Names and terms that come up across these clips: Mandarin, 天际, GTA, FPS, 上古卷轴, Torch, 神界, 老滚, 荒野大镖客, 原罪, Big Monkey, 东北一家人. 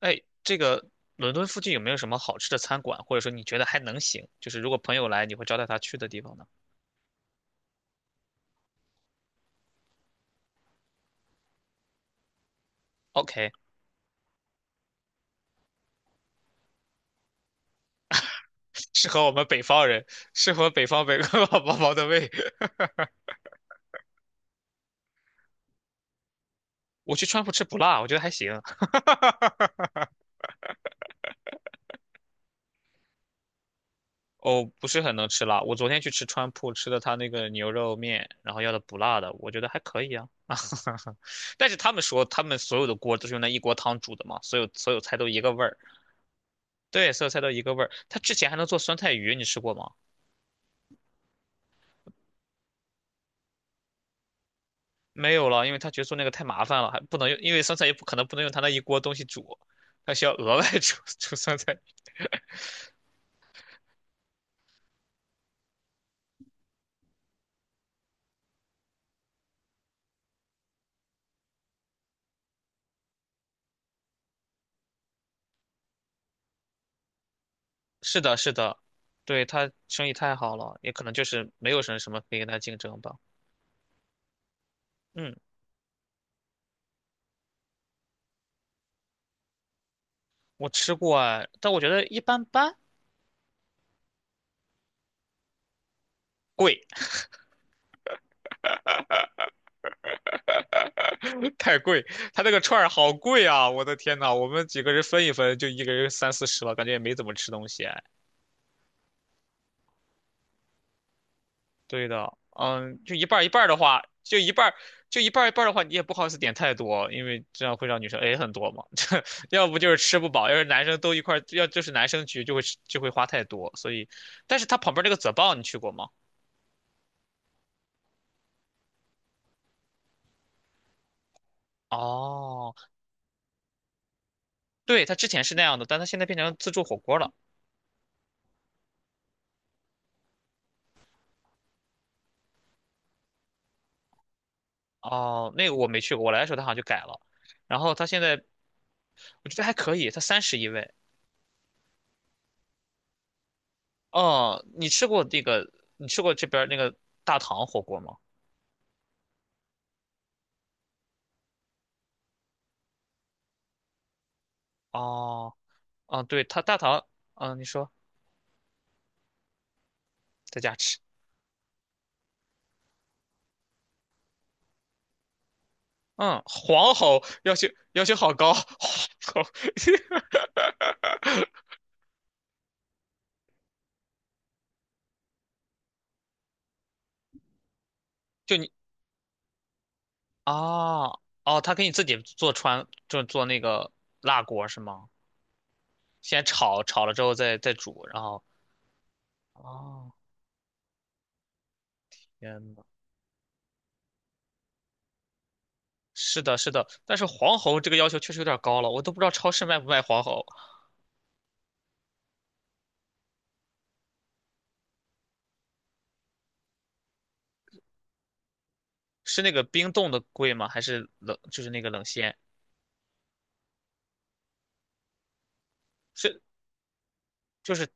哎，这个伦敦附近有没有什么好吃的餐馆，或者说你觉得还能行，就是如果朋友来，你会招待他去的地方呢？OK，适合我们北方人，适合北方宝宝的胃。我去川普吃不辣，我觉得还行。哦，不是很能吃辣。我昨天去吃川普，吃的他那个牛肉面，然后要的不辣的，我觉得还可以啊。但是他们说他们所有的锅都是用那一锅汤煮的嘛，所有菜都一个味儿。对，所有菜都一个味儿。他之前还能做酸菜鱼，你吃过吗？没有了，因为他觉得做那个太麻烦了，还不能用，因为酸菜也不可能不能用他那一锅东西煮，他需要额外 煮煮酸菜。是的，是的，对，他生意太好了，也可能就是没有什么什么可以跟他竞争吧。嗯，我吃过哎，但我觉得一般般，贵，太贵，他那个串儿好贵啊！我的天呐，我们几个人分一分就一个人三四十了，感觉也没怎么吃东西。对的，嗯，就一半儿一半儿的话，就一半儿一半儿的话，你也不好意思点太多，因为这样会让女生 A 很多嘛。这要不就是吃不饱，要是男生都一块儿要就是男生局就会花太多。所以，但是他旁边那个泽棒你去过吗？哦，对，他之前是那样的，但他现在变成自助火锅了。哦，那个我没去过，我来的时候他好像就改了。然后他现在我觉得还可以，他31位。哦，你吃过那个？你吃过这边儿那个大唐火锅吗？哦，啊，对，他大唐，啊，你说在家吃，嗯，黄喉要求好高，黄喉 就你啊，哦，他给你自己做川，就做那个辣锅是吗？先炒，炒了之后再煮，然后，哦，天呐，是的，是的，但是黄喉这个要求确实有点高了，我都不知道超市卖不卖黄喉，是那个冰冻的贵吗？还是冷，就是那个冷鲜？是就是，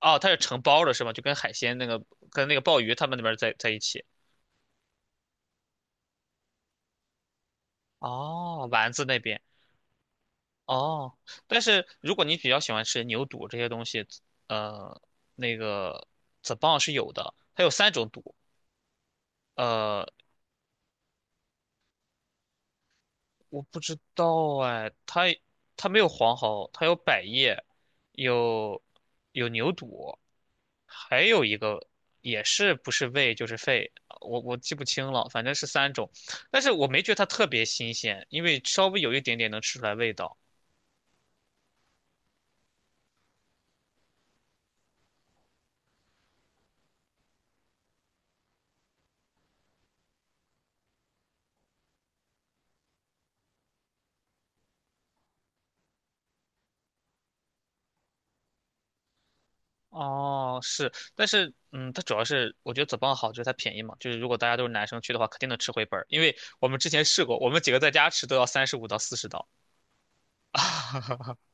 哦，它是成包的是吗？就跟海鲜那个跟那个鲍鱼他们那边在一起。哦，丸子那边哦，但是如果你比较喜欢吃牛肚这些东西，呃，那个 ZBA 是有的，它有三种肚，呃，我不知道哎，它没有黄喉，它有百叶，有有牛肚，还有一个也是不是胃就是肺，我记不清了，反正是三种，但是我没觉得它特别新鲜，因为稍微有一点点能吃出来味道。哦，是，但是，嗯，它主要是我觉得 z 邦好，就是它便宜嘛，就是如果大家都是男生去的话，肯定能吃回本儿，因为我们之前试过，我们几个在家吃都要35到40刀。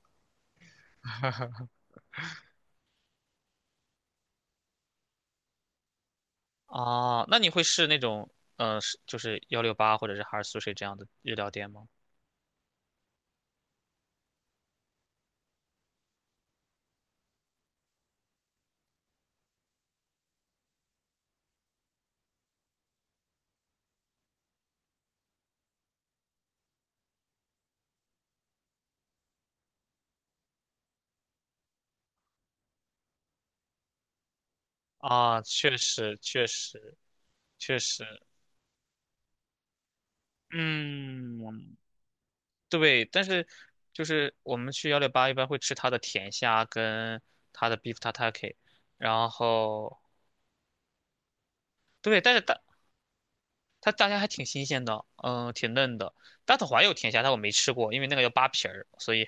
啊，那你会试那种，是就是幺六八或者是哈尔苏水这样的日料店吗？啊，确实，确实，确实，嗯，对，但是就是我们去幺六八一般会吃它的甜虾跟它的 beef tataki，然后对，但是它大虾还挺新鲜的，嗯，挺嫩的。大头华有甜虾，但我没吃过，因为那个要扒皮儿，所以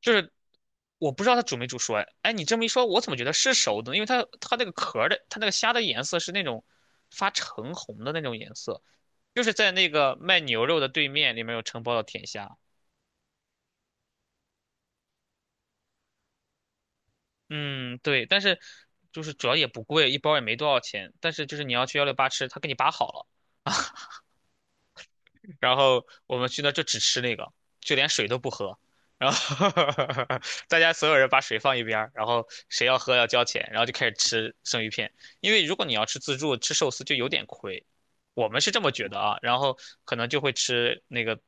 就是我不知道它煮没煮熟。哎，哎，你这么一说，我怎么觉得是熟的呢因为它那个壳儿的，它那个虾的颜色是那种发橙红的那种颜色，就是在那个卖牛肉的对面里面有承包的甜虾。嗯，对，但是就是主要也不贵，一包也没多少钱。但是就是你要去幺六八吃，他给你扒好了。然后我们去那儿就只吃那个，就连水都不喝。然后 大家所有人把水放一边儿然后谁要喝要交钱，然后就开始吃生鱼片。因为如果你要吃自助吃寿司就有点亏，我们是这么觉得啊。然后可能就会吃那个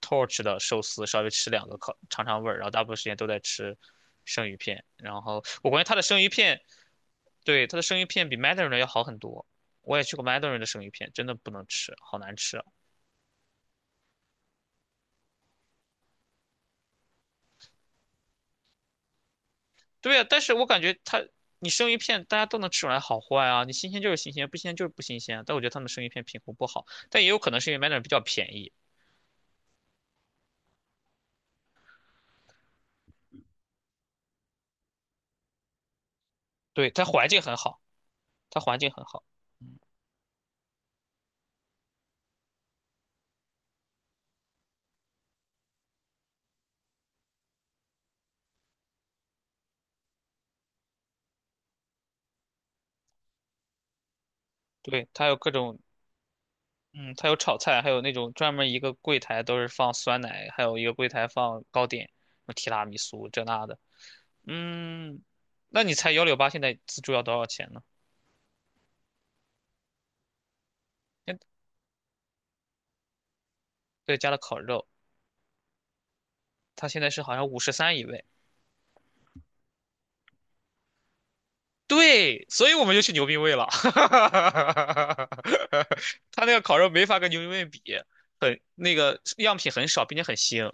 Torch 的寿司，稍微吃两个烤尝尝味儿，然后大部分时间都在吃生鱼片。然后我感觉它的生鱼片，对，它的生鱼片比 Mandarin 的要好很多。我也去过 Mandarin 的生鱼片，真的不能吃，好难吃。对呀，但是我感觉它，你生鱼片大家都能吃出来好坏啊，你新鲜就是新鲜，不新鲜就是不新鲜。但我觉得他们生鱼片品控不好，但也有可能是因为买点比较便宜。对，它环境很好，它环境很好。嗯，对，它有各种，嗯，它有炒菜，还有那种专门一个柜台都是放酸奶，还有一个柜台放糕点，什么提拉米苏这那的。嗯，那你猜幺六八现在自助要多少钱呢？现对，加了烤肉，它现在是好像53一位。对，所以我们就去牛逼味了。他那个烤肉没法跟牛逼味比，很那个样品很少，并且很腥。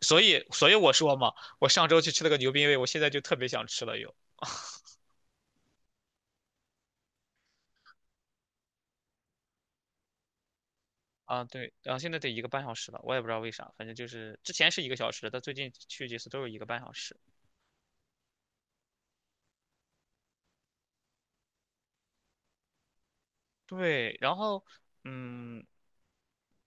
所以，所以我说嘛，我上周去吃了个牛逼味，我现在就特别想吃了又。啊，对，然后现在得一个半小时了，我也不知道为啥，反正就是之前是一个小时，但最近去几次都是一个半小时。对，然后，嗯，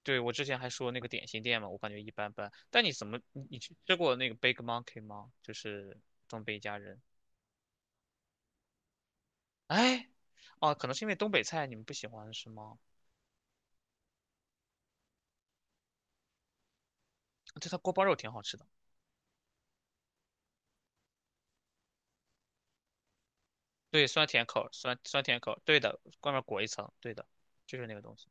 对，我之前还说那个点心店嘛，我感觉一般般。但你怎么，你你去吃过那个 Big Monkey 吗？就是东北一家人。哎，哦，可能是因为东北菜你们不喜欢是吗？对，它锅包肉挺好吃的。对，酸甜口儿酸酸甜口儿对的，外面裹一层，对的，就是那个东西。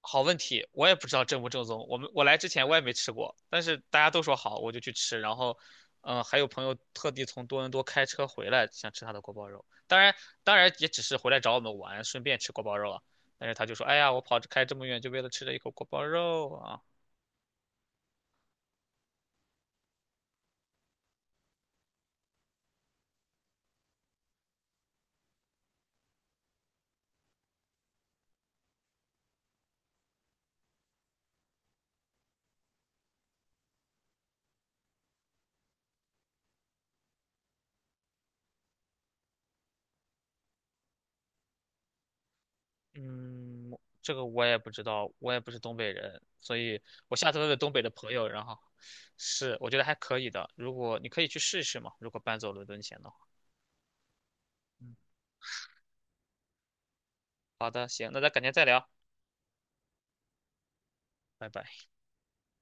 好问题，我也不知道正不正宗。我来之前我也没吃过，但是大家都说好，我就去吃。然后，还有朋友特地从多伦多开车回来，想吃他的锅包肉。当然，当然也只是回来找我们玩，顺便吃锅包肉啊。但是他就说：“哎呀，我跑着开这么远，就为了吃这一口锅包肉啊。”嗯，这个我也不知道，我也不是东北人，所以我下次问问东北的朋友，然后是，我觉得还可以的。如果你可以去试一试嘛，如果搬走伦敦前的话。嗯，好的，行，那咱改天再聊，拜拜。